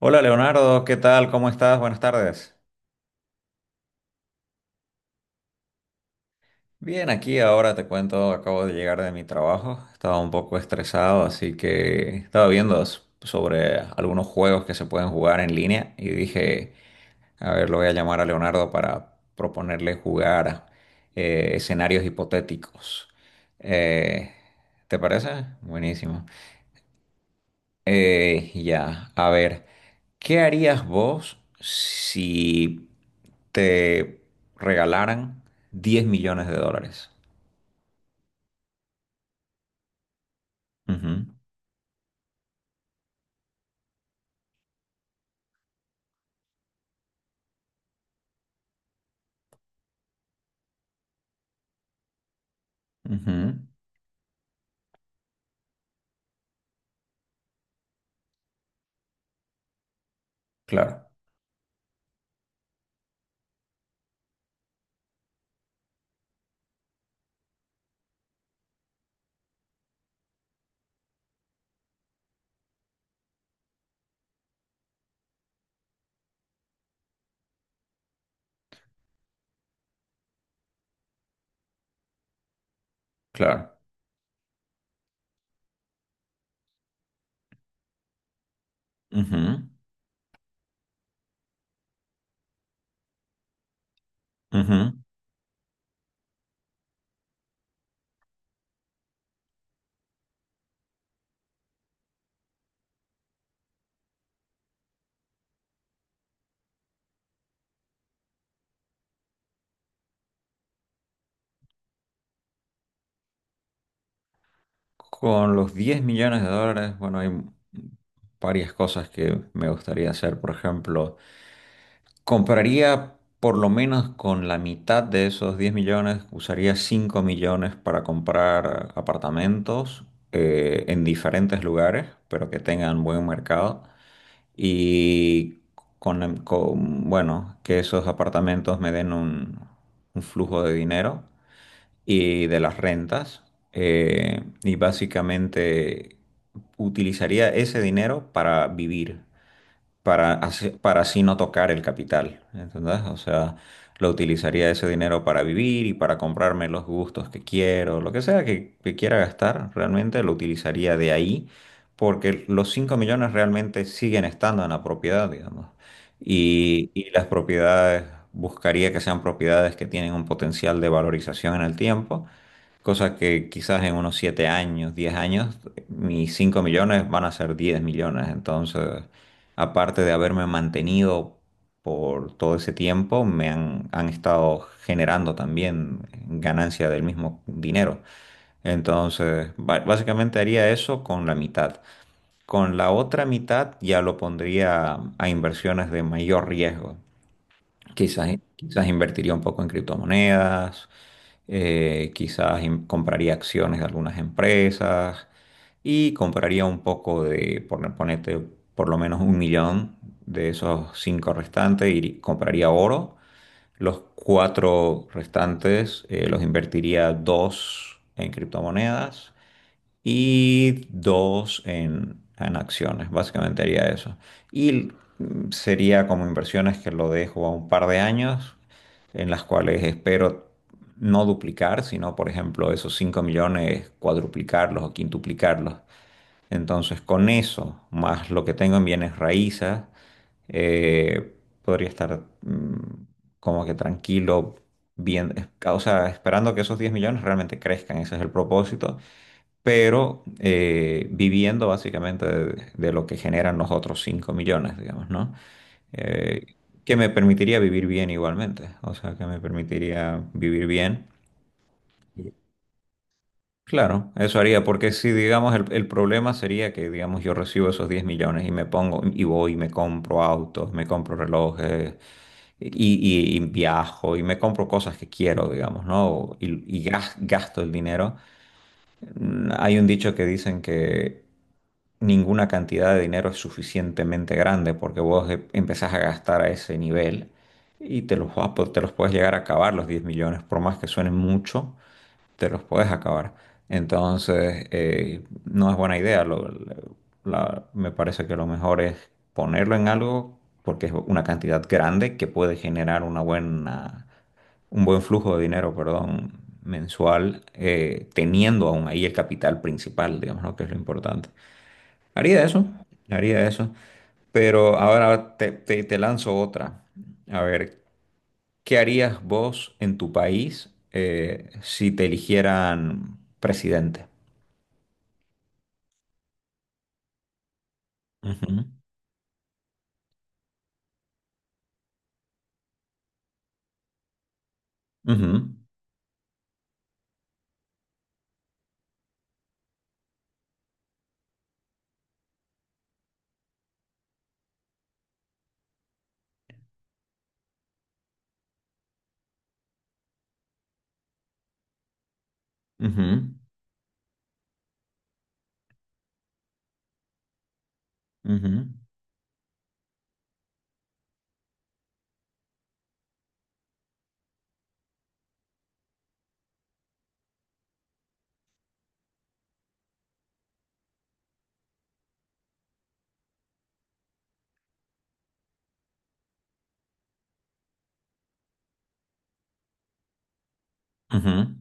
Hola Leonardo, ¿qué tal? ¿Cómo estás? Buenas tardes. Bien, aquí ahora te cuento, acabo de llegar de mi trabajo, estaba un poco estresado, así que estaba viendo sobre algunos juegos que se pueden jugar en línea y dije, a ver, lo voy a llamar a Leonardo para proponerle jugar escenarios hipotéticos. Eh, ¿te parece? Buenísimo. Ya, a ver, ¿qué harías vos si te regalaran 10 millones de dólares? Ujú, ujú, claro, claro. Ujú, ujú. Con los diez millones de dólares, bueno, hay varias cosas que me gustaría hacer. Por ejemplo, compraría por lo menos con la mitad de esos 10 millones, usaría 5 millones para comprar apartamentos en diferentes lugares, pero que tengan buen mercado. Y con bueno, que esos apartamentos me den un flujo de dinero y de las rentas. Y básicamente utilizaría ese dinero para vivir, para así no tocar el capital, ¿entendés? O sea, lo utilizaría ese dinero para vivir y para comprarme los gustos que quiero, lo que sea que quiera gastar, realmente lo utilizaría de ahí, porque los 5 millones realmente siguen estando en la propiedad, digamos. Y las propiedades, buscaría que sean propiedades que tienen un potencial de valorización en el tiempo. Cosa que quizás en unos 7 años, 10 años, mis 5 millones van a ser 10 millones. Entonces, aparte de haberme mantenido por todo ese tiempo, me han, han estado generando también ganancia del mismo dinero. Entonces, básicamente haría eso con la mitad. Con la otra mitad ya lo pondría a inversiones de mayor riesgo. Quizás, quizás invertiría un poco en criptomonedas, quizás compraría acciones de algunas empresas y compraría un poco de, por, ponete por lo menos un millón de esos cinco restantes y compraría oro. Los cuatro restantes los invertiría dos en criptomonedas y dos en acciones, básicamente haría eso. Y sería como inversiones que lo dejo a un par de años, en las cuales espero no duplicar, sino, por ejemplo, esos 5 millones, cuadruplicarlos o quintuplicarlos. Entonces, con eso, más lo que tengo en bienes raíces, eh, podría estar como que tranquilo, bien, o sea, esperando que esos 10 millones realmente crezcan, ese es el propósito, pero viviendo básicamente de lo que generan los otros 5 millones, digamos, ¿no? Eh, que me permitiría vivir bien igualmente, o sea, que me permitiría vivir bien. Claro, eso haría, porque si, digamos, el problema sería que, digamos, yo recibo esos 10 millones y me pongo, y voy, y me compro autos, me compro relojes, y, y viajo, y me compro cosas que quiero, digamos, ¿no? Y gasto el dinero. Hay un dicho que dicen que ninguna cantidad de dinero es suficientemente grande porque vos empezás a gastar a ese nivel y te los puedes llegar a acabar los 10 millones, por más que suenen mucho, te los puedes acabar. Entonces, no es buena idea. Me parece que lo mejor es ponerlo en algo porque es una cantidad grande que puede generar un buen flujo de dinero, perdón, mensual, teniendo aún ahí el capital principal, digamos, ¿no? Que es lo importante. Haría eso, haría eso. Pero ahora te lanzo otra. A ver, ¿qué harías vos en tu país si te eligieran presidente? Ujú, ujú, ujú, ujú, ujú.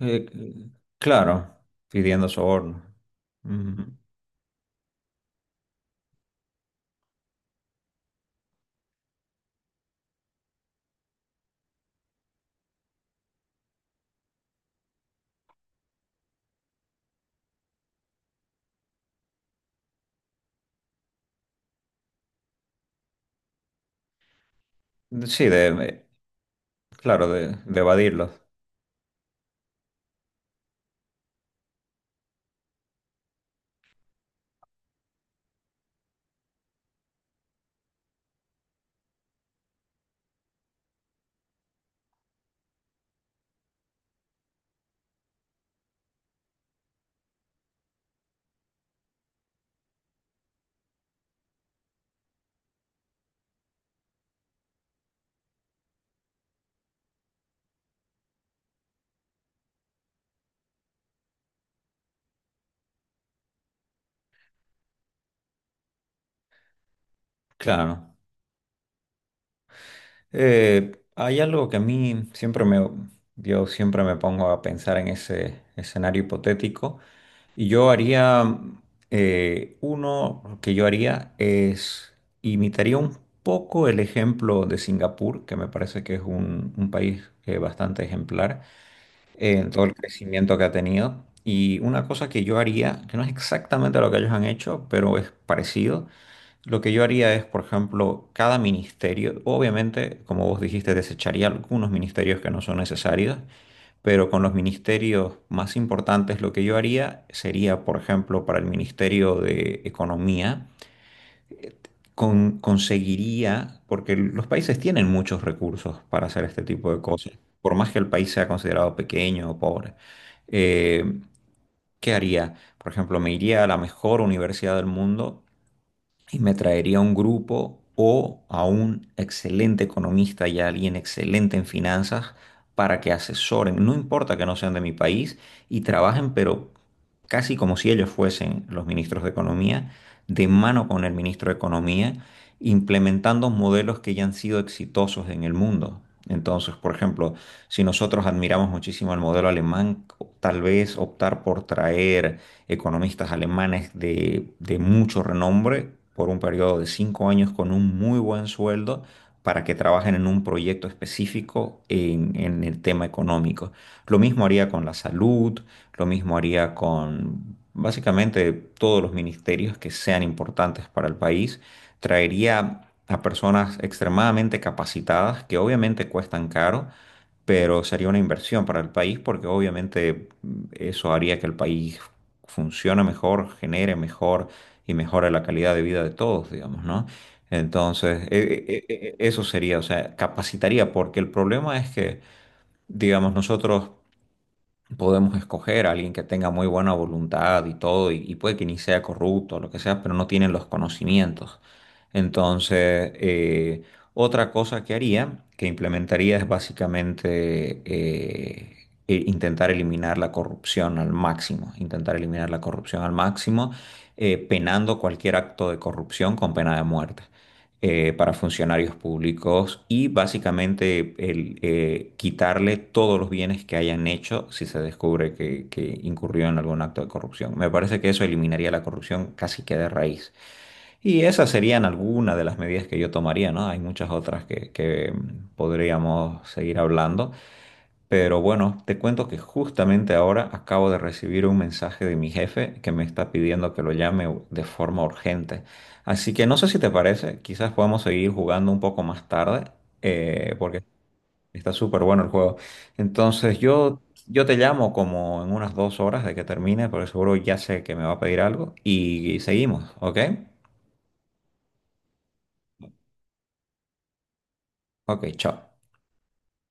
Eh, c- claro, pidiendo soborno. Ujú. Sí, claro, de evadirlos. Claro. Hay algo que a mí siempre me, yo siempre me pongo a pensar en ese escenario hipotético y yo haría, uno que yo haría es, imitaría un poco el ejemplo de Singapur, que me parece que es un país bastante ejemplar en todo el crecimiento que ha tenido. Y una cosa que yo haría, que no es exactamente lo que ellos han hecho, pero es parecido, lo que yo haría es, por ejemplo, cada ministerio, obviamente, como vos dijiste, desecharía algunos ministerios que no son necesarios, pero con los ministerios más importantes lo que yo haría sería, por ejemplo, para el Ministerio de Economía, conseguiría, porque los países tienen muchos recursos para hacer este tipo de cosas, por más que el país sea considerado pequeño o pobre. Eh, ¿Qué haría? Por ejemplo, me iría a la mejor universidad del mundo y me traería a un grupo o a un excelente economista y a alguien excelente en finanzas para que asesoren, no importa que no sean de mi país, y trabajen, pero casi como si ellos fuesen los ministros de Economía, de mano con el ministro de Economía, implementando modelos que ya han sido exitosos en el mundo. Entonces, por ejemplo, si nosotros admiramos muchísimo el modelo alemán, tal vez optar por traer economistas alemanes de mucho renombre por un periodo de cinco años con un muy buen sueldo para que trabajen en un proyecto específico en el tema económico. Lo mismo haría con la salud, lo mismo haría con básicamente todos los ministerios que sean importantes para el país. Traería a personas extremadamente capacitadas que obviamente cuestan caro, pero sería una inversión para el país porque obviamente eso haría que el país funciona mejor, genere mejor y mejora la calidad de vida de todos, digamos, ¿no? Entonces, eso sería, o sea, capacitaría, porque el problema es que, digamos, nosotros podemos escoger a alguien que tenga muy buena voluntad y todo, y puede que ni sea corrupto o lo que sea, pero no tienen los conocimientos. Entonces, otra cosa que haría, que implementaría, es básicamente intentar eliminar la corrupción al máximo, intentar eliminar la corrupción al máximo, penando cualquier acto de corrupción con pena de muerte para funcionarios públicos y básicamente quitarle todos los bienes que hayan hecho si se descubre que incurrió en algún acto de corrupción. Me parece que eso eliminaría la corrupción casi que de raíz. Y esas serían algunas de las medidas que yo tomaría, ¿no? Hay muchas otras que, podríamos seguir hablando, pero bueno, te cuento que justamente ahora acabo de recibir un mensaje de mi jefe que me está pidiendo que lo llame de forma urgente. Así que no sé si te parece, quizás podamos seguir jugando un poco más tarde, porque está súper bueno el juego. Entonces yo te llamo como en unas dos horas de que termine, porque seguro ya sé que me va a pedir algo y seguimos, ¿ok? Ok, chao.